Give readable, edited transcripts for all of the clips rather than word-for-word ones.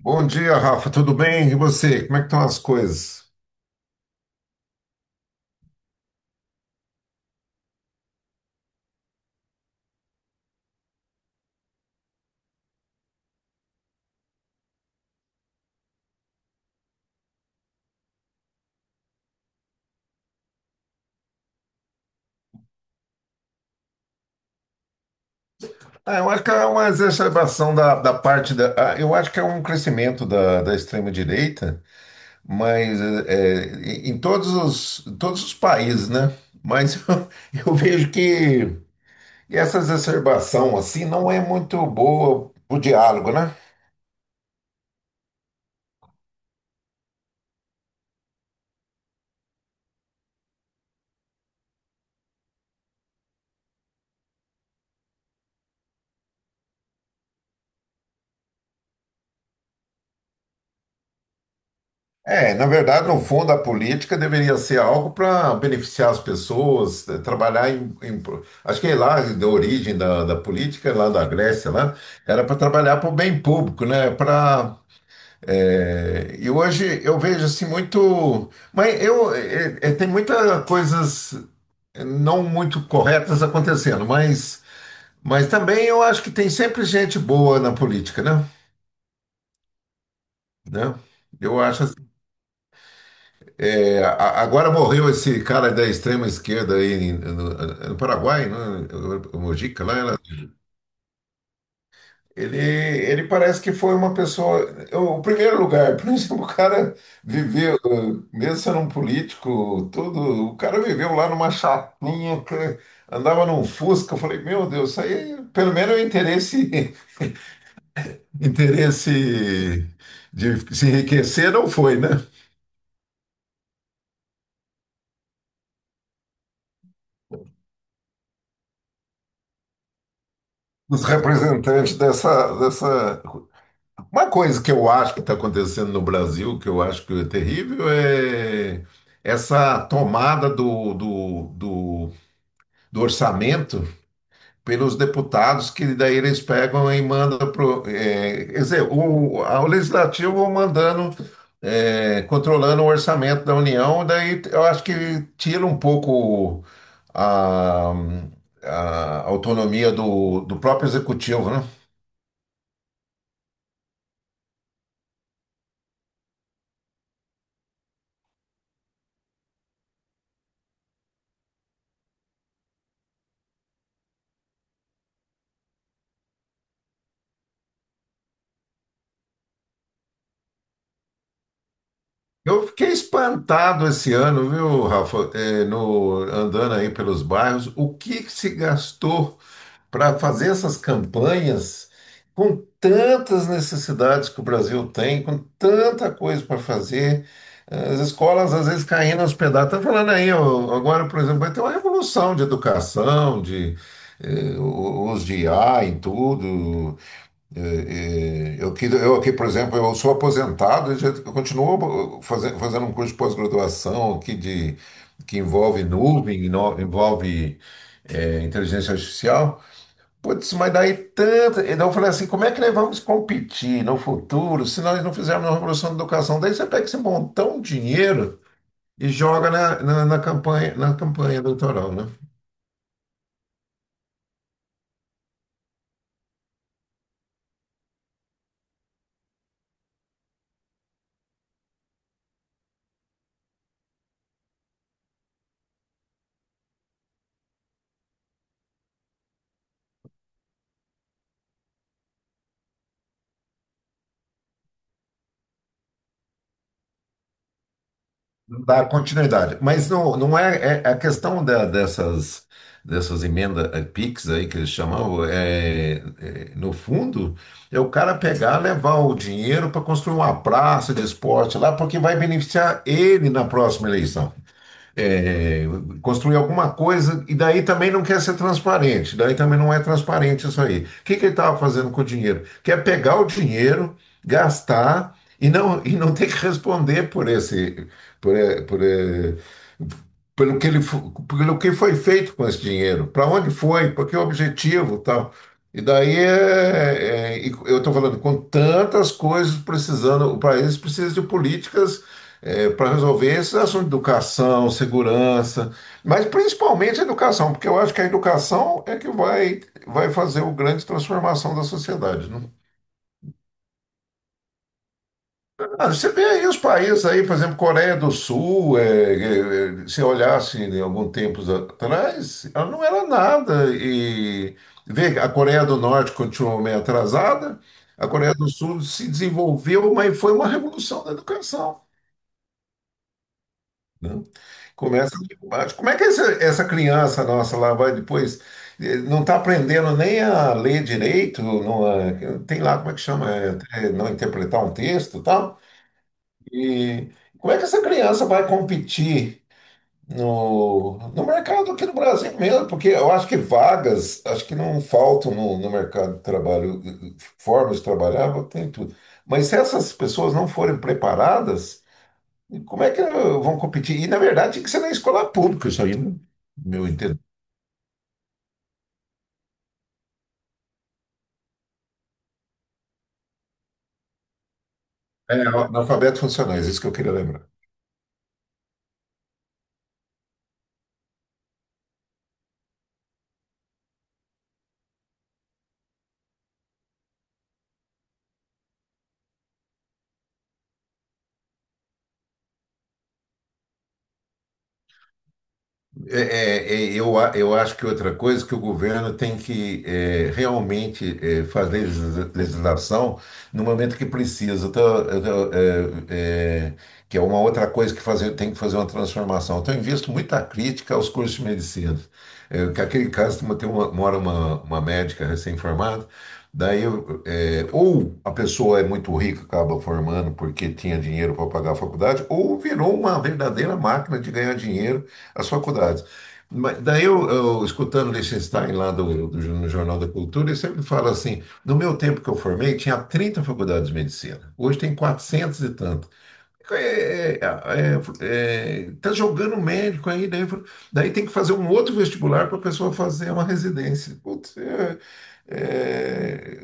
Bom dia, Rafa. Tudo bem? E você? Como é que estão as coisas? Eu acho que é uma exacerbação da parte da. Eu acho que é um crescimento da extrema-direita, mas é, em em todos os países, né? Mas eu vejo que essa exacerbação assim não é muito boa o diálogo, né? É, na verdade, no fundo, a política deveria ser algo para beneficiar as pessoas, trabalhar em. Acho que lá, da origem da política, lá da Grécia, lá, era para trabalhar para o bem público, né? E hoje eu vejo assim muito. Mas tem muitas coisas não muito corretas acontecendo, mas também eu acho que tem sempre gente boa na política, né? Né? Eu acho. Agora morreu esse cara da extrema esquerda aí no Paraguai, né? O Mojica lá. Ele parece que foi uma pessoa. O primeiro lugar, por exemplo, o cara viveu, mesmo sendo um político, tudo, o cara viveu lá numa chapinha, que andava num Fusca. Eu falei, meu Deus, isso aí pelo menos o interesse, interesse de se enriquecer não foi, né? Os representantes dessa. Uma coisa que eu acho que está acontecendo no Brasil, que eu acho que é terrível, é essa tomada do orçamento pelos deputados, que daí eles pegam e mandam pro, é, quer dizer, o legislativo mandando, é, controlando o orçamento da União, daí eu acho que tira um pouco a, a autonomia do próprio executivo, né? Eu fiquei espantado esse ano, viu, Rafa? É, no, Andando aí pelos bairros, o que que se gastou para fazer essas campanhas com tantas necessidades que o Brasil tem, com tanta coisa para fazer, as escolas às vezes caindo aos pedaços. Tá falando aí, ó, agora, por exemplo, vai ter uma revolução de educação, de o uso de IA em tudo, e eu aqui, por exemplo, eu sou aposentado eu continuo fazendo um curso de pós-graduação aqui de, que envolve nuvem, envolve é, inteligência artificial. Putz, mas daí tanta. Então eu falei assim, como é que nós vamos competir no futuro se nós não fizermos uma revolução da educação? Daí você pega esse montão de dinheiro e joga na campanha, na campanha eleitoral, né? Não dá continuidade. Mas não, não é, é- a questão dessas emendas PIX aí que eles chamavam, é, no fundo, é o cara pegar, levar o dinheiro para construir uma praça de esporte lá, porque vai beneficiar ele na próxima eleição é, construir alguma coisa, e daí também não quer ser transparente, daí também não é transparente isso aí. O que, que ele estava fazendo com o dinheiro? Quer pegar o dinheiro, gastar e não ter que responder por esse, por, eh, por, eh, pelo que pelo que foi feito com esse dinheiro, para onde foi, para que objetivo, e tal. E daí e eu estou falando com tantas coisas precisando, o país precisa de políticas para resolver esses assuntos de educação, segurança, mas principalmente a educação, porque eu acho que a educação é que vai fazer o grande transformação da sociedade, né? Ah, você vê aí os países aí, por exemplo, Coreia do Sul, se olhasse em algum tempo atrás, ela não era nada. E vê, a Coreia do Norte continuou meio atrasada, a Coreia do Sul se desenvolveu, mas foi uma revolução da educação, né? Começa aqui embaixo. Como é que essa criança nossa lá vai depois? Não está aprendendo nem a ler direito, não, a- tem lá como é que chama, até não interpretar um texto e tal. E como é que essa criança vai competir no mercado aqui no Brasil mesmo? Porque eu acho que vagas, acho que não faltam no mercado de trabalho, formas de trabalhar, tem tudo. Mas se essas pessoas não forem preparadas, e como é que vão competir? E, na verdade, tinha que ser na escola pública, isso aí, né? Meu entender. É, analfabeto funcionais, isso que eu queria lembrar. Eu acho que outra coisa que o governo tem que realmente é, fazer legislação no momento que precisa. Eu tô, é, é, Que é uma outra coisa que fazer, tem que fazer uma transformação. Então, eu visto muita crítica aos cursos de medicina. É, que aquele caso, mora uma médica recém-formada, ou a pessoa é muito rica, acaba formando porque tinha dinheiro para pagar a faculdade, ou virou uma verdadeira máquina de ganhar dinheiro as faculdades. Mas escutando Liechtenstein lá no Jornal da Cultura, ele sempre fala assim: no meu tempo que eu formei, tinha 30 faculdades de medicina, hoje tem 400 e tanto. É, é, tá jogando médico aí, daí tem que fazer um outro vestibular para a pessoa fazer uma residência. Putz, é,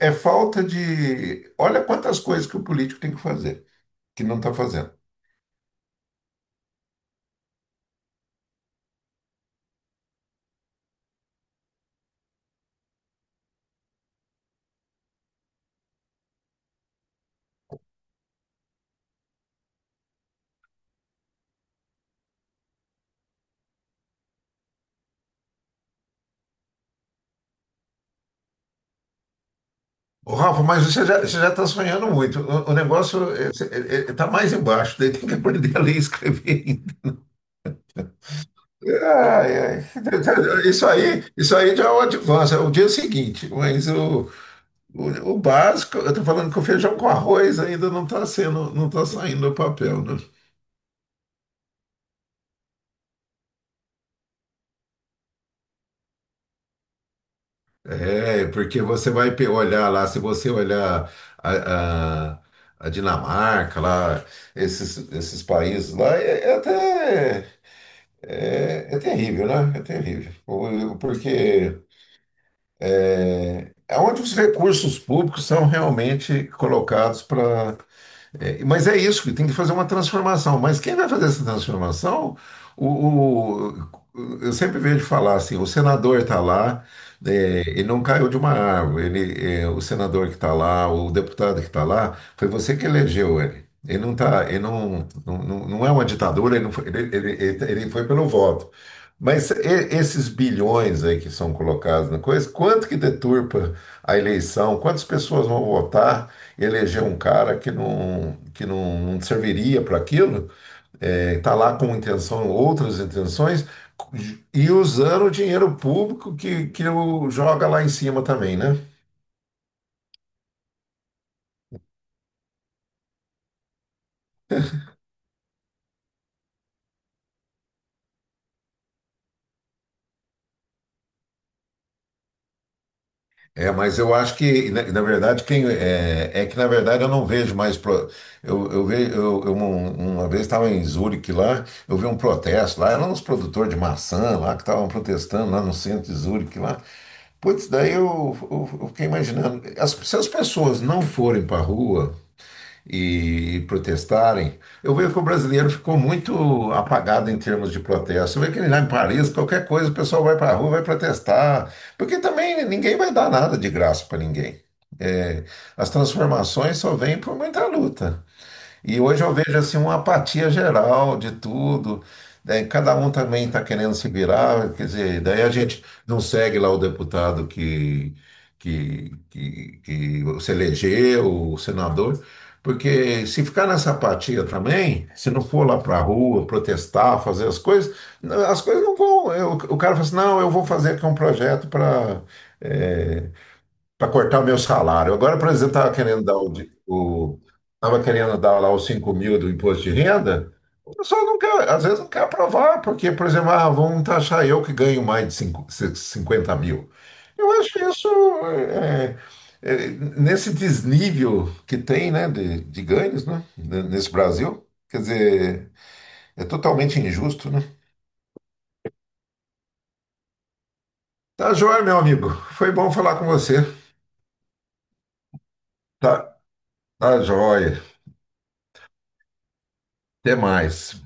é falta de. Olha quantas coisas que o político tem que fazer, que não está fazendo. Ô, Rafa, mas você já está sonhando muito. O negócio está mais embaixo, daí tem que aprender a ler e escrever ainda. Ai, ai. Isso aí já é o advance, é o dia seguinte. Mas o básico, eu estou falando que o feijão com arroz ainda não está saindo do papel, né? É, porque você olhar lá, se você olhar a, a, a Dinamarca, lá, esses países lá, é, é até. É, é terrível, né? É terrível. Porque é onde os recursos públicos são realmente colocados para é, mas é isso, que tem que fazer uma transformação. Mas quem vai fazer essa transformação? O, o- eu sempre vejo falar assim: o senador está lá, é, ele não caiu de uma árvore. O senador que está lá, o deputado que está lá, foi você que elegeu ele. Ele não é uma ditadura, ele, não foi, ele, ele, ele ele foi pelo voto. Mas esses bilhões aí que são colocados na coisa, quanto que deturpa a eleição? Quantas pessoas vão votar? Eleger um cara que não serviria para aquilo, está lá com intenção, outras intenções, e usando o dinheiro público que o joga lá em cima também, né? É, mas eu acho que, na verdade, quem é, é que, na verdade, eu não vejo mais. Pro, eu, ve- eu um- Uma vez estava em Zurique lá, eu vi um protesto lá, eram uns produtores de maçã lá que estavam protestando lá no centro de Zurique lá. Putz, daí eu fiquei imaginando, se as pessoas não forem para a rua e protestarem, eu vejo que o brasileiro ficou muito apagado em termos de protesto. Você vê que lá em Paris, qualquer coisa, o pessoal vai para a rua, vai protestar, porque também ninguém vai dar nada de graça para ninguém. É, as transformações só vêm por muita luta. E hoje eu vejo assim uma apatia geral de tudo. Né? Cada um também está querendo se virar, quer dizer, daí a gente não segue lá o deputado que se elegeu, o senador, porque se ficar nessa apatia também, se não for lá para a rua protestar, fazer as coisas não vão. O cara fala assim, não, eu vou fazer aqui um projeto para cortar o meu salário. Agora, por exemplo, estava querendo dar o, de- o tava querendo dar lá os 5 mil do imposto de renda, o pessoal não quer, às vezes não quer aprovar, porque, por exemplo, ah, vão taxar eu que ganho mais de 50 mil. Eu acho isso é, é, nesse desnível que tem, né, de ganhos, né, nesse Brasil, quer dizer, é totalmente injusto, né? Tá joia, meu amigo. Foi bom falar com você. Tá, tá joia. Até mais.